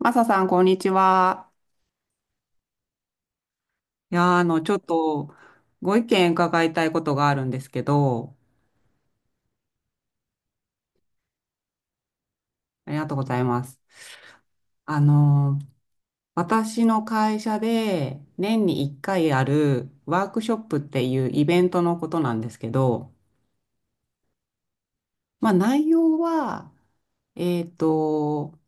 マサさん、こんにちは。いやー、ちょっと、ご意見伺いたいことがあるんですけど、ありがとうございます。あのー、私の会社で、年に1回あるワークショップっていうイベントのことなんですけど、まあ、内容は、えっと、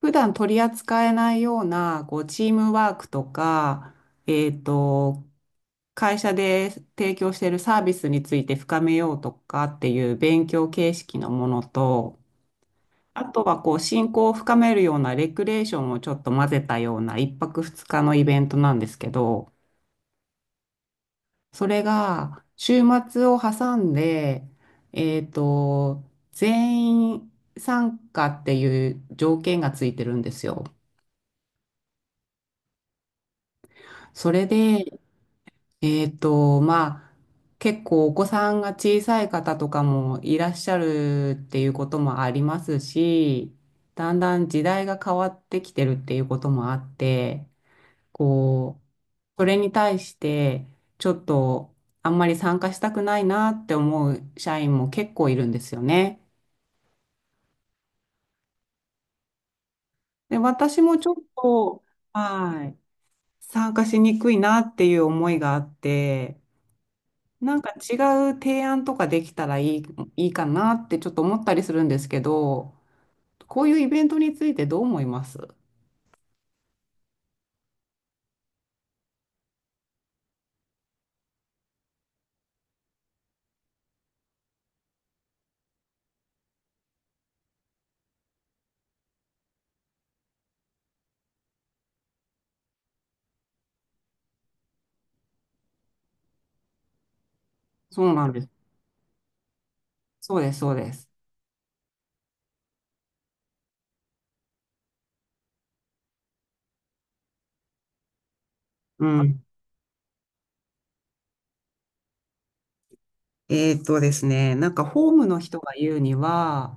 普段取り扱えないような、こう、チームワークとか、えっと、会社で提供しているサービスについて深めようとかっていう勉強形式のものと、あとはこう、親交を深めるようなレクレーションをちょっと混ぜたような一泊二日のイベントなんですけど、それが週末を挟んで、えっと、全員参加っていう条件がついてるんですよ。それで、まあ、結構お子さんが小さい方とかもいらっしゃるっていうこともありますし、だんだん時代が変わってきてるっていうこともあって、こう、それに対して、ちょっとあんまり参加したくないなって思う社員も結構いるんですよね。で、私もちょっと、はい、参加しにくいなっていう思いがあって、なんか違う提案とかできたらいいかなってちょっと思ったりするんですけど、こういうイベントについてどう思います？そうなんです。そうです、そうです。うん。ですね、なんかホームの人が言うには、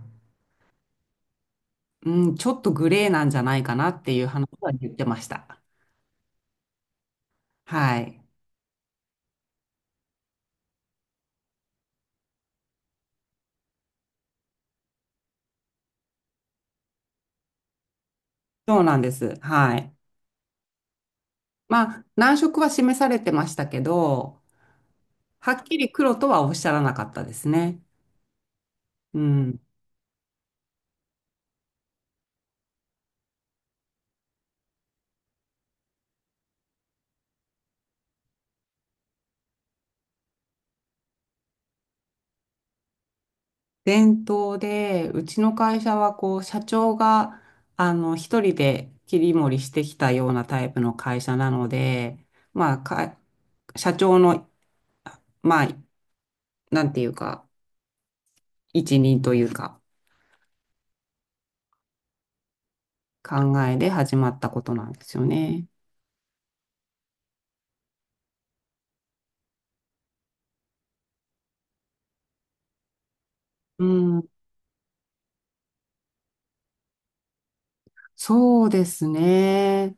うん、ちょっとグレーなんじゃないかなっていう話は言ってました。はい。そうなんです。はい。まあ、難色は示されてましたけど、はっきり黒とはおっしゃらなかったですね。うん。伝統で、うちの会社はこう、社長が、一人で切り盛りしてきたようなタイプの会社なので、まあ、社長の、まあ、なんていうか、一任というか、考えで始まったことなんですよね。うん、そうですね。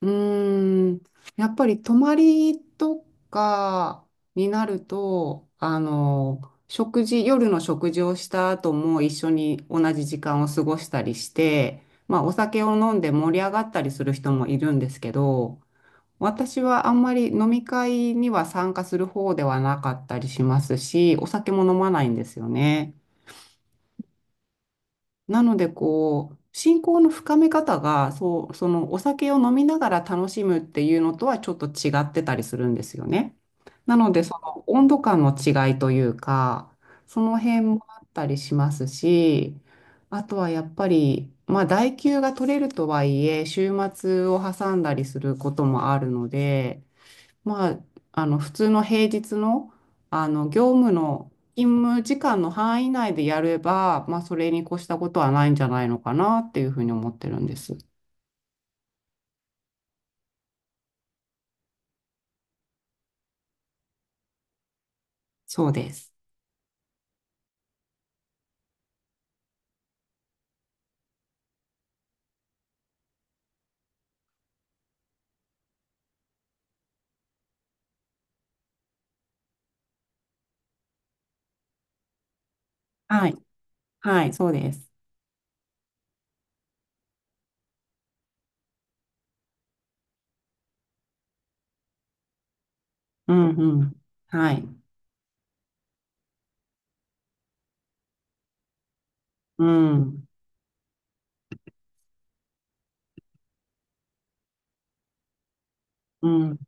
うーん、やっぱり泊まりとかになると、食事、夜の食事をした後も一緒に同じ時間を過ごしたりして、まあお酒を飲んで盛り上がったりする人もいるんですけど、私はあんまり飲み会には参加する方ではなかったりしますし、お酒も飲まないんですよね。なので、こう、信仰の深め方が、そう、そのお酒を飲みながら楽しむっていうのとはちょっと違ってたりするんですよね。なので、その温度感の違いというか、その辺もあったりしますし、あとはやっぱり、まあ、代休が取れるとはいえ、週末を挟んだりすることもあるので、まあ、あの普通の平日の、あの業務の勤務時間の範囲内でやれば、まあ、それに越したことはないんじゃないのかなっていうふうに思ってるんです。そうです。はい。はい、そうです。うん、うん。はい。うん、うん、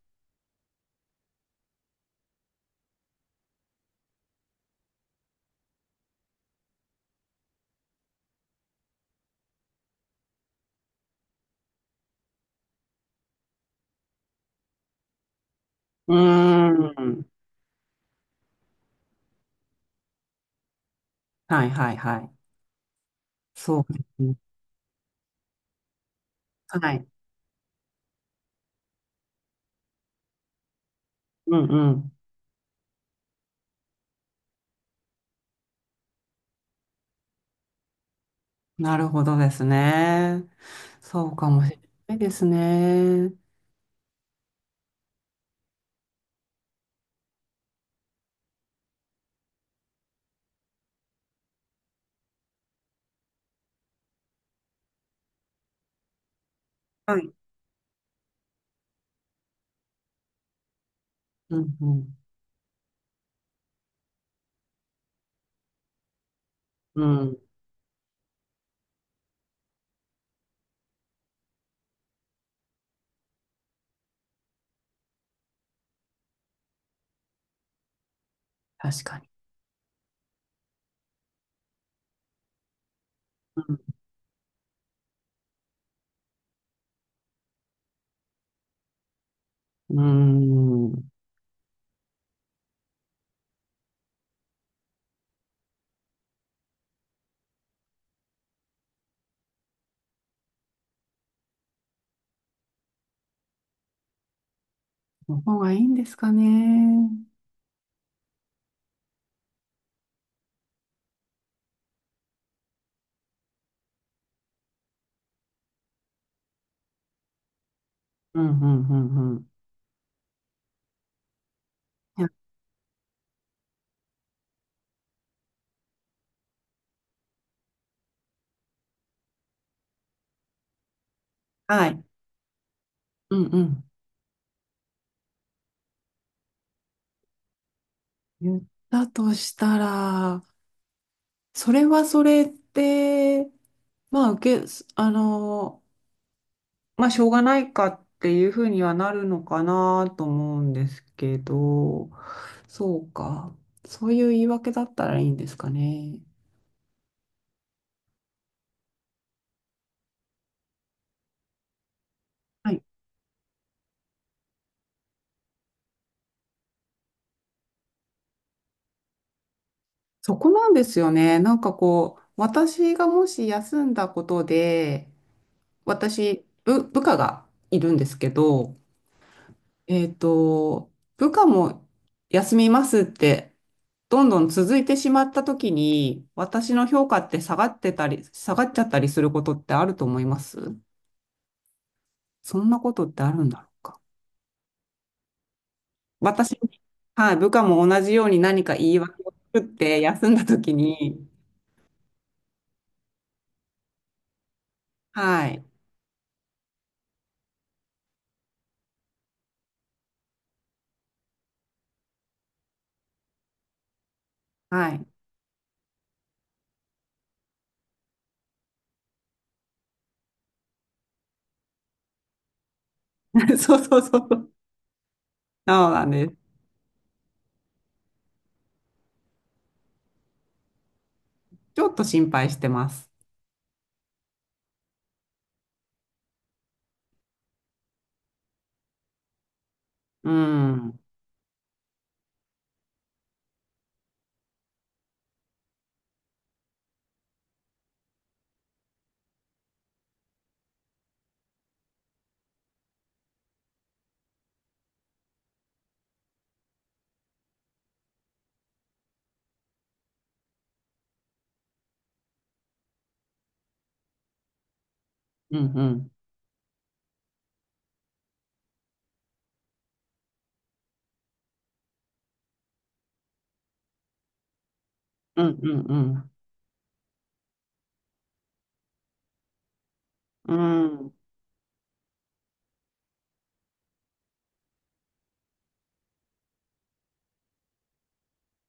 うん。はい、はい、はい。そうですね。はい。うん、うん。なるほどですね。そうかもしれないですね。はい。うん、うん、うん。確かに。うーん。の方がいいんですかね。うん、うん、うん、うん。いやはい。うん、うん。言ったとしたら、それはそれって、まあ、あの、まあ、しょうがないかっていうふうにはなるのかなと思うんですけど、そうか。そういう言い訳だったらいいんですかね。はい、そこなんですよね。なんかこう、私がもし休んだことで、私、部下がいるんですけど、部下も休みますって、どんどん続いてしまった時に、私の評価って下がってたり、下がっちゃったりすることってあると思います？そんなことってあるんだろうか。私に、はい、部下も同じように何か言い訳を作って休んだ時に、はい、はい、そうそうそう、そうなんです。ちょっと心配してます。うん、うん、うん、うん、うん、うん。うん。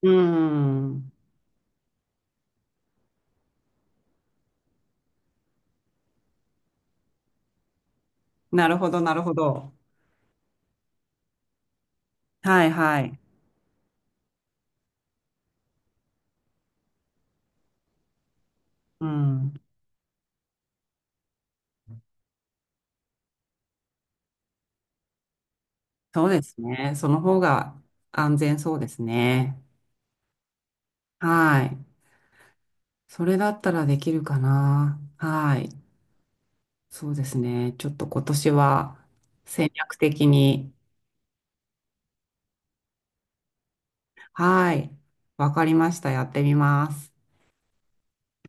うん。なるほど、なるほど。はい、はい。うん。そうですね。その方が安全そうですね。はい。それだったらできるかな。はい。そうですね。ちょっと今年は戦略的に。はい。わかりました。やってみます。